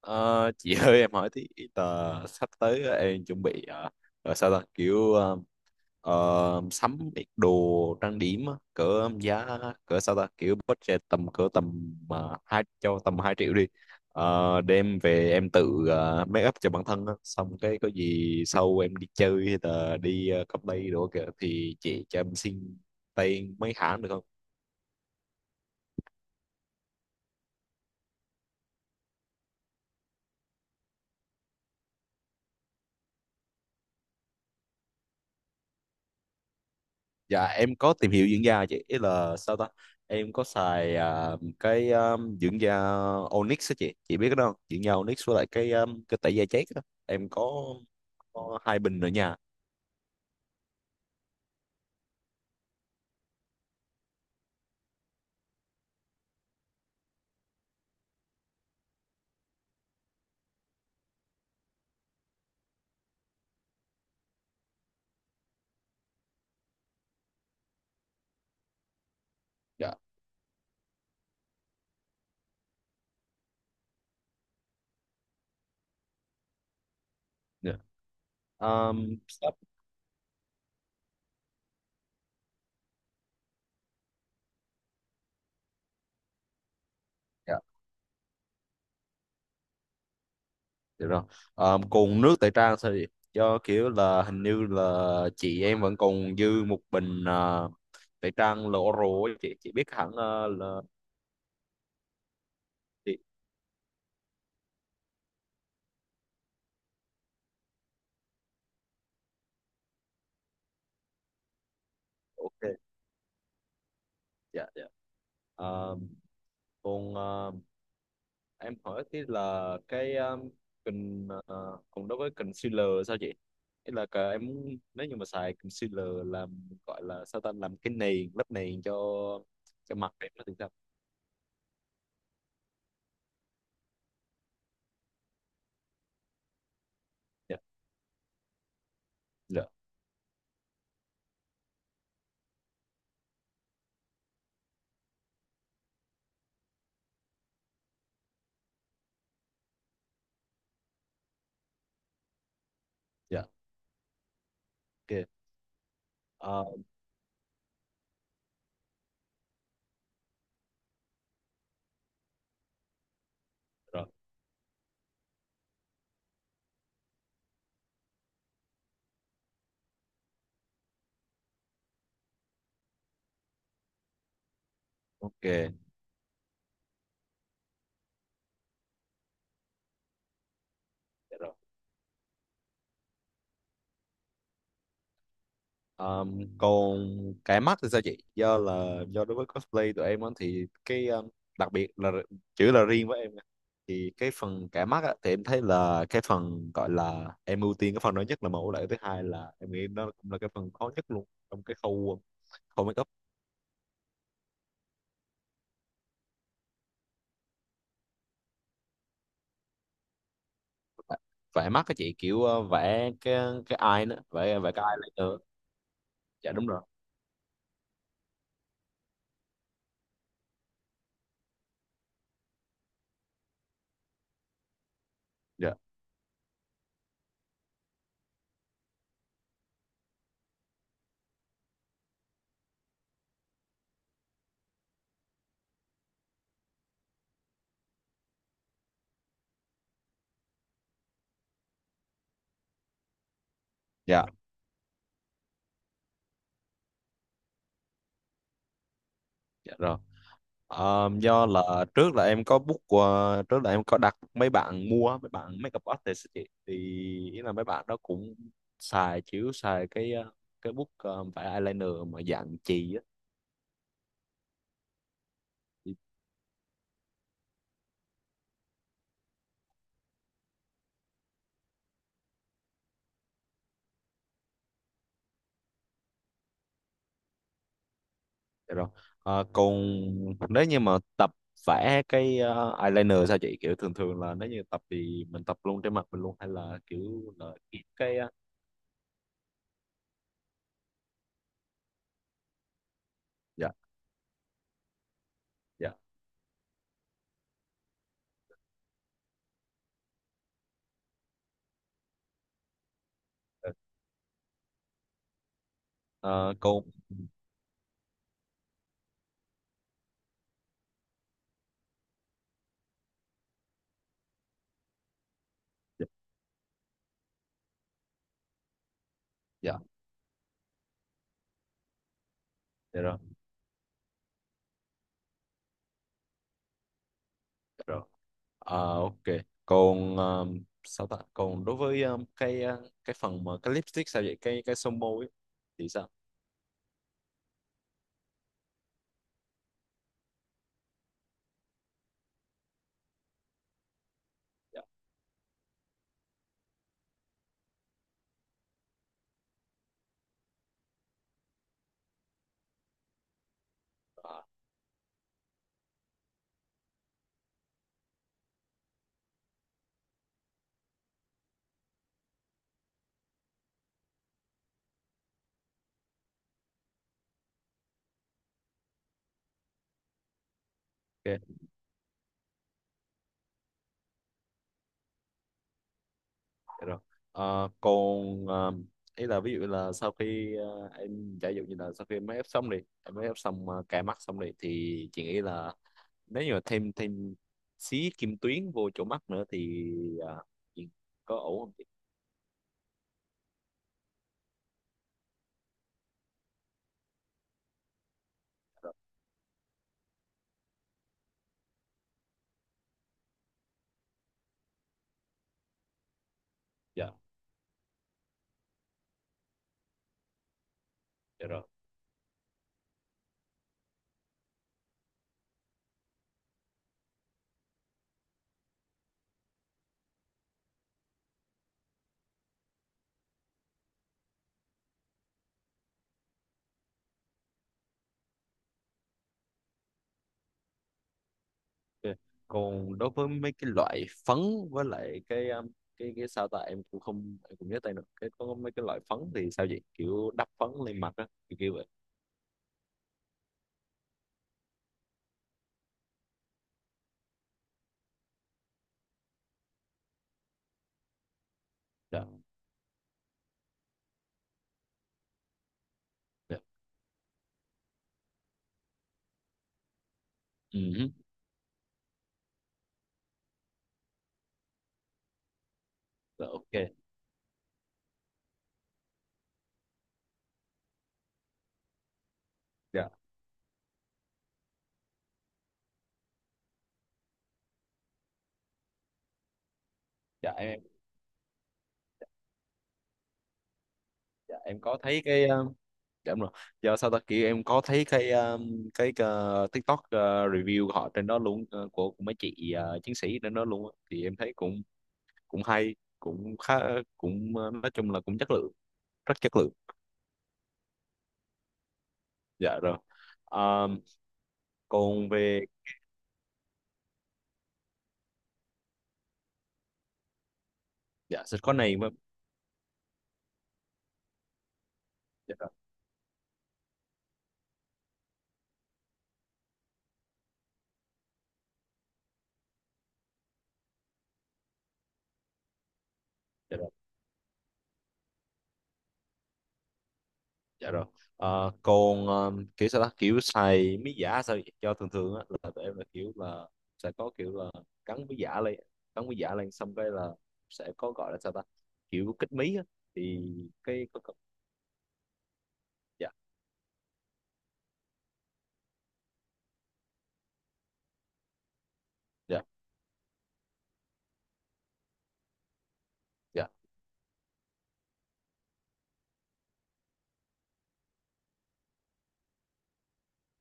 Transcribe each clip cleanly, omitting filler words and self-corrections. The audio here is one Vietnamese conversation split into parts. Ờ, chị ơi, em hỏi tí. tờ Sắp tới em chuẩn bị rồi sao ta, kiểu sắm ít đồ trang điểm á, cỡ giá cỡ sao ta, kiểu budget tầm cỡ tầm hai cho tầm 2 triệu đi. Đem về em tự make up cho bản thân á. Xong cái có gì sau em đi chơi hay là đi cà phê đồ kìa, thì chị cho em xin tay mấy hãng được không? Dạ em có tìm hiểu dưỡng da chị. Ý là sao ta, em có xài cái dưỡng da Onyx á Chị biết cái đó không? Dưỡng da Onyx với lại cái tẩy da chết đó em có hai bình ở nhà. Dạ. Dạ. Sắp. Dạ, được rồi. Còn nước tẩy trang sao chị? Do kiểu là hình như là chị em vẫn còn dư một bình tẩy trang L'Oreal á Chị biết hẳn là chị. Ok. Dạ. Dạ. Ờ, Còn em hỏi tí là cái còn đối với concealer sao chị? Ý là cả em muốn nếu như mà xài concealer làm, gọi là sao ta, làm cái nền, lớp nền cho mặt em nó thì sao? Dạ. Dạ. Dạ. Ok. Ờ, Rồi, ok. Dạ rồi. Còn cái mắt thì sao chị? Do là đối với cosplay tụi em á, thì cái đặc biệt là chữ là riêng với em nha. Thì cái phần cả mắt á, thì em thấy là cái phần gọi là em ưu tiên cái phần đó nhất, là mẫu lại, thứ hai là em nghĩ nó cũng là cái phần khó nhất luôn trong cái khâu khâu make up. Vẽ mắt các chị kiểu vẽ cái eye nữa, vẽ vẽ cái eye later. Dạ đúng rồi. Dạ. Dạ. Dạ rồi. Do là trước là em có đặt mấy bạn, mua mấy bạn makeup artist á chị, thì ý là mấy bạn đó cũng xài cái cái book vẽ eyeliner mà dạng chì á. Thì- dạ rồi. Còn nếu như mà tập vẽ cái eyeliner sao chị? Kiểu thường thường là nếu như tập thì mình tập luôn trên mặt mình luôn, hay là kiểu là kiếm cái dạ. Dạ. Ừ. ờ, Còn. Dạ. Dạ. Dạ rồi. Ok, còn sao ta, còn đối với cái cái phần mà cái lipstick sao vậy, cái son môi ấy, thì sao? Dạ. ờ, ok. Dạ rồi. Còn ý là ví dụ là sau khi em giả dụ như là sau khi em make up xong đi, em make up xong cài mắt xong đi, thì chị nghĩ là nếu như mà thêm thêm xí kim tuyến vô chỗ mắt nữa thì ờ, chị có ổn không chị? Dạ rồi. Dạ. Dạ rồi. Ok. Còn đối với mấy cái loại phấn với lại cái cái sao ta, em cũng không, em cũng nhớ tên được cái có mấy cái loại phấn thì sao vậy? Kiểu đắp phấn lên mặt á, kiểu kiểu vậy. Dạ. Dạ. Ừ. Dạ, ok. Dạ. Dạ em. Dạ em có thấy cái dạ đúng rồi. Giờ sao ta, kiểu em có thấy cái TikTok review của họ trên đó luôn, của mấy chị chiến sĩ trên đó luôn á. Thì em thấy cũng, cũng hay, cũng khá, cũng nói chung là cũng chất lượng. Rất chất lượng. Dạ rồi. Ờ, Còn về. Dạ sẽ có này mà. Dạ rồi. Dạ rồi. Dạ rồi. Còn kiểu sao ta, kiểu xài mí giả sao vậy? Cho thường thường á là tụi em là kiểu là sẽ có kiểu là cắn mí giả lên cắn mí giả lên, xong cái là sẽ có gọi là sao ta, kiểu kích mí á. Thì cái dạ. Dạ. Dạ.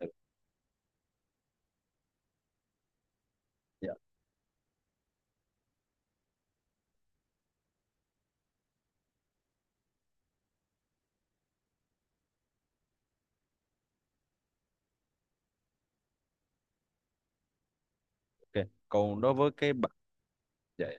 Dạ. Dạ, ok. còn đối với cái bản Dạ. Dạ.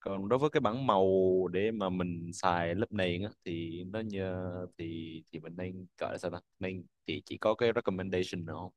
Còn đối với cái bảng màu để mà mình xài lớp nền á thì nó như, thì mình nên gọi là sao ta, nên chỉ có cái recommendation nữa không?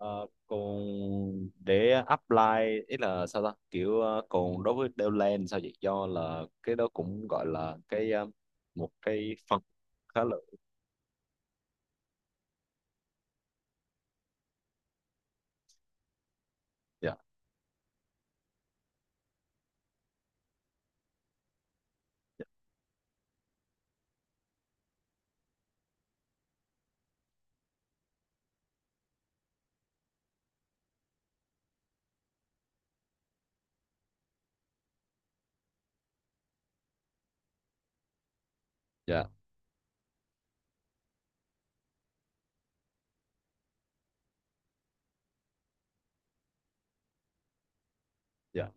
Ờ, Còn để apply, ý là sao ta, kiểu còn đối với Deadland sao vậy? Do là cái đó cũng gọi là cái một cái phần khá là. Dạ. Dạ. Dạ.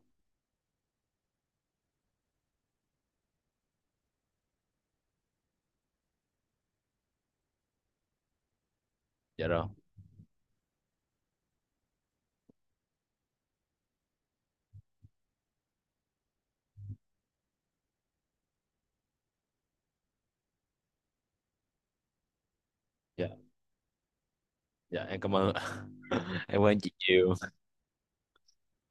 Dạ rồi. Dạ. Dạ em cảm ơn em cảm ơn chị nhiều.